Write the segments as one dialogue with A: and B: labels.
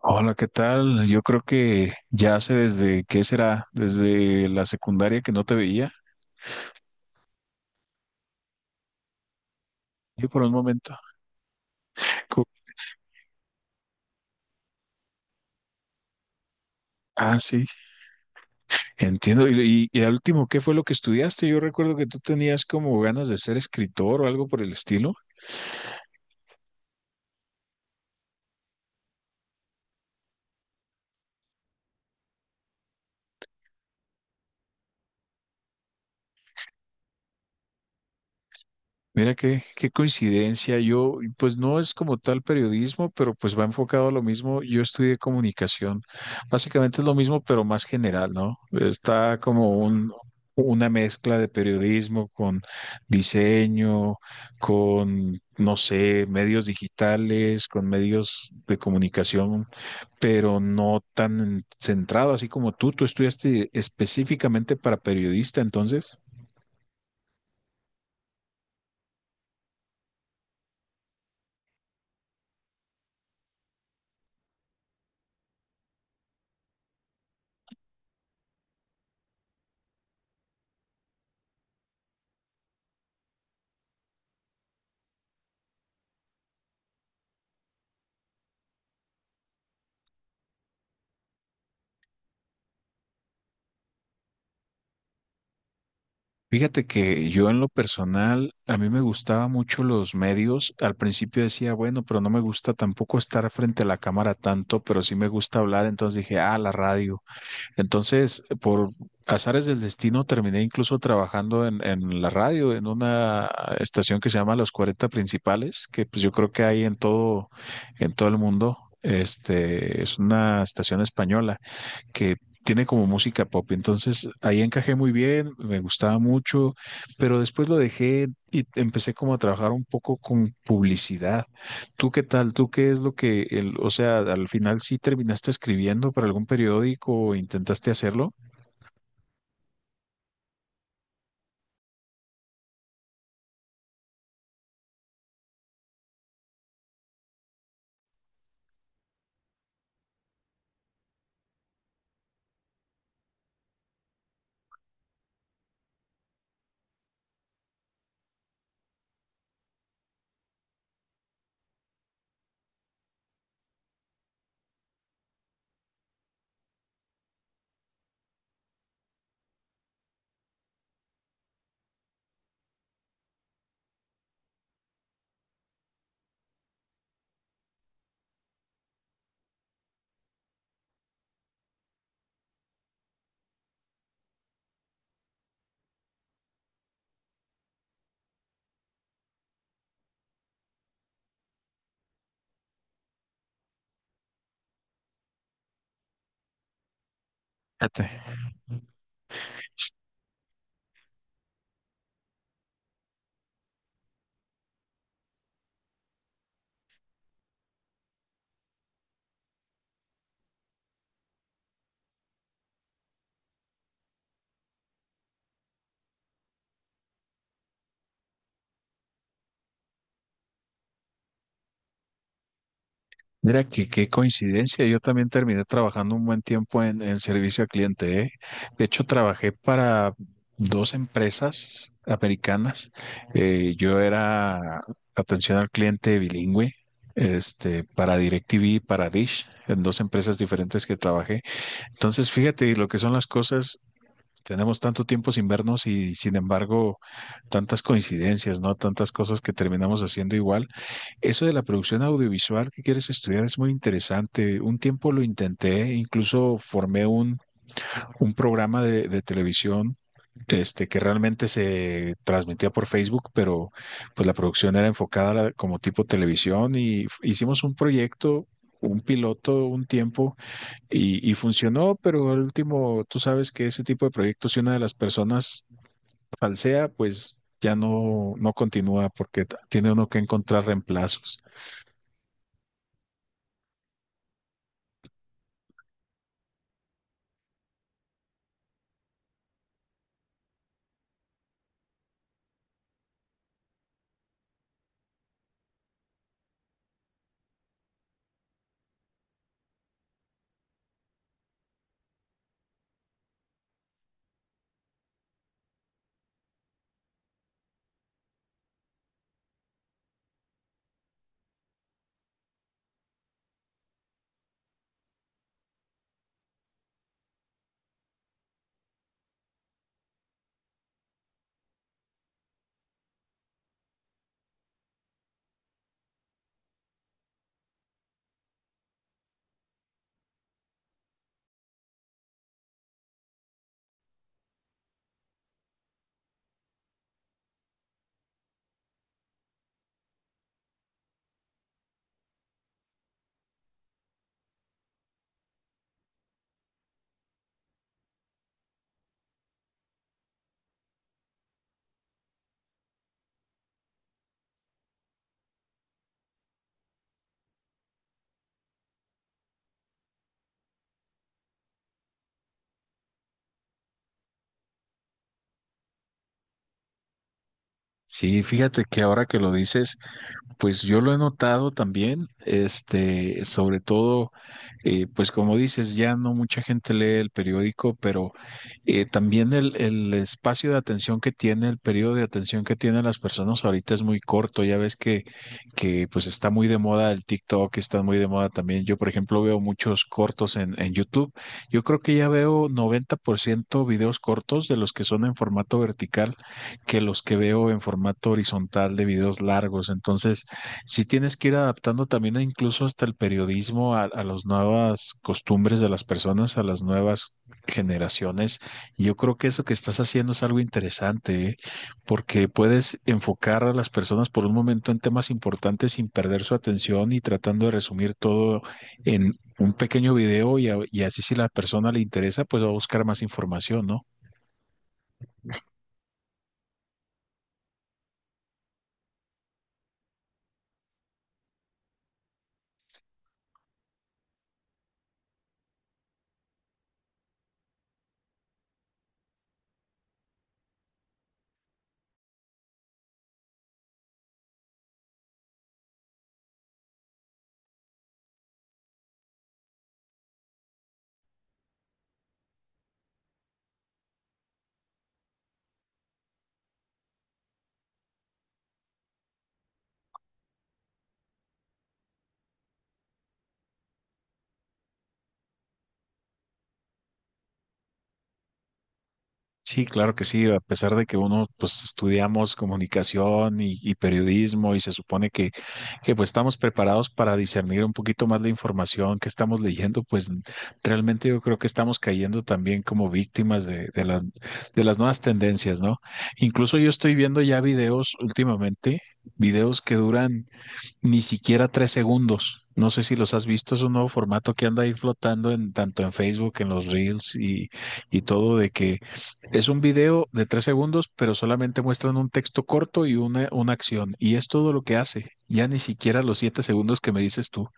A: Hola, ¿qué tal? Yo creo que ya hace desde, ¿qué será? Desde la secundaria que no te veía. Yo por un momento. Co- Ah, sí, entiendo. Y al último, ¿qué fue lo que estudiaste? Yo recuerdo que tú tenías como ganas de ser escritor o algo por el estilo. Mira qué, qué coincidencia. Yo, pues no es como tal periodismo, pero pues va enfocado a lo mismo. Yo estudié comunicación. Básicamente es lo mismo, pero más general, ¿no? Está como un, una mezcla de periodismo con diseño, con, no sé, medios digitales, con medios de comunicación, pero no tan centrado así como tú. Tú estudiaste específicamente para periodista, entonces. Fíjate que yo en lo personal, a mí me gustaba mucho los medios. Al principio decía, bueno, pero no me gusta tampoco estar frente a la cámara tanto, pero sí me gusta hablar. Entonces dije, ah, la radio. Entonces, por azares del destino, terminé incluso trabajando en la radio, en una estación que se llama Los 40 Principales, que pues yo creo que hay en todo el mundo. Este, es una estación española que tiene como música pop. Entonces ahí encajé muy bien, me gustaba mucho, pero después lo dejé y empecé como a trabajar un poco con publicidad. ¿Tú qué tal? ¿Tú qué es lo que, el, o sea, al final sí terminaste escribiendo para algún periódico o intentaste hacerlo? Fíjate. Mira, que qué coincidencia. Yo también terminé trabajando un buen tiempo en servicio al cliente, ¿eh? De hecho, trabajé para dos empresas americanas. Yo era atención al cliente bilingüe, este, para DirecTV y para Dish, en dos empresas diferentes que trabajé. Entonces, fíjate lo que son las cosas. Tenemos tanto tiempo sin vernos y, sin embargo, tantas coincidencias, ¿no? Tantas cosas que terminamos haciendo igual. Eso de la producción audiovisual que quieres estudiar es muy interesante. Un tiempo lo intenté, incluso formé un programa de televisión este, que realmente se transmitía por Facebook, pero pues la producción era enfocada a como tipo televisión y hicimos un proyecto, un piloto, un tiempo y funcionó, pero al último, tú sabes que ese tipo de proyectos, si una de las personas falsea, pues ya no, no continúa porque tiene uno que encontrar reemplazos. Sí, fíjate que ahora que lo dices, pues yo lo he notado también, este, sobre todo, pues como dices, ya no mucha gente lee el periódico, pero también el espacio de atención que tiene, el periodo de atención que tienen las personas ahorita es muy corto. Ya ves que pues está muy de moda el TikTok, está muy de moda también. Yo, por ejemplo, veo muchos cortos en YouTube. Yo creo que ya veo 90% videos cortos de los que son en formato vertical que los que veo en formato horizontal de videos largos. Entonces, sí tienes que ir adaptando también e incluso hasta el periodismo a las nuevas costumbres de las personas, a las nuevas generaciones. Y yo creo que eso que estás haciendo es algo interesante, ¿eh? Porque puedes enfocar a las personas por un momento en temas importantes sin perder su atención y tratando de resumir todo en un pequeño video y, y así si la persona le interesa, pues va a buscar más información, ¿no? Sí, claro que sí, a pesar de que uno pues estudiamos comunicación y periodismo y se supone que pues estamos preparados para discernir un poquito más la información que estamos leyendo, pues realmente yo creo que estamos cayendo también como víctimas de las, de las nuevas tendencias, ¿no? Incluso yo estoy viendo ya videos últimamente, videos que duran ni siquiera 3 segundos. No sé si los has visto, es un nuevo formato que anda ahí flotando en tanto en Facebook, en los Reels y todo, de que es un video de 3 segundos, pero solamente muestran un texto corto y una acción. Y es todo lo que hace. Ya ni siquiera los 7 segundos que me dices tú.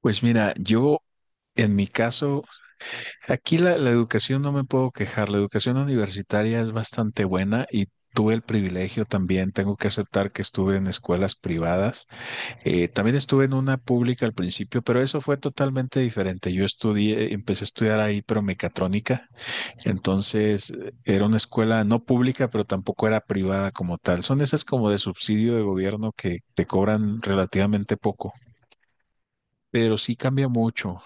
A: Pues mira, yo en mi caso aquí la, la educación no me puedo quejar, la educación universitaria es bastante buena y tuve el privilegio también, tengo que aceptar que estuve en escuelas privadas. También estuve en una pública al principio, pero eso fue totalmente diferente. Yo estudié, empecé a estudiar ahí, pero mecatrónica, entonces era una escuela no pública, pero tampoco era privada como tal. Son esas como de subsidio de gobierno que te cobran relativamente poco. Pero sí cambia mucho,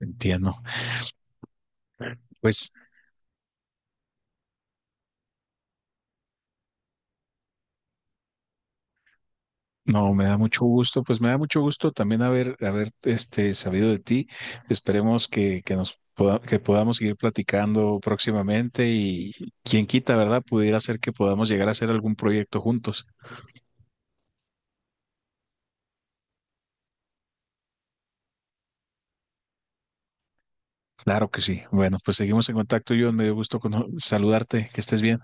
A: entiendo. Pues no, me da mucho gusto, pues me da mucho gusto también haber, haber este, sabido de ti. Esperemos que nos que podamos seguir platicando próximamente y quien quita, ¿verdad? Pudiera ser que podamos llegar a hacer algún proyecto juntos. Claro que sí. Bueno, pues seguimos en contacto, John. Me dio gusto saludarte. Que estés bien.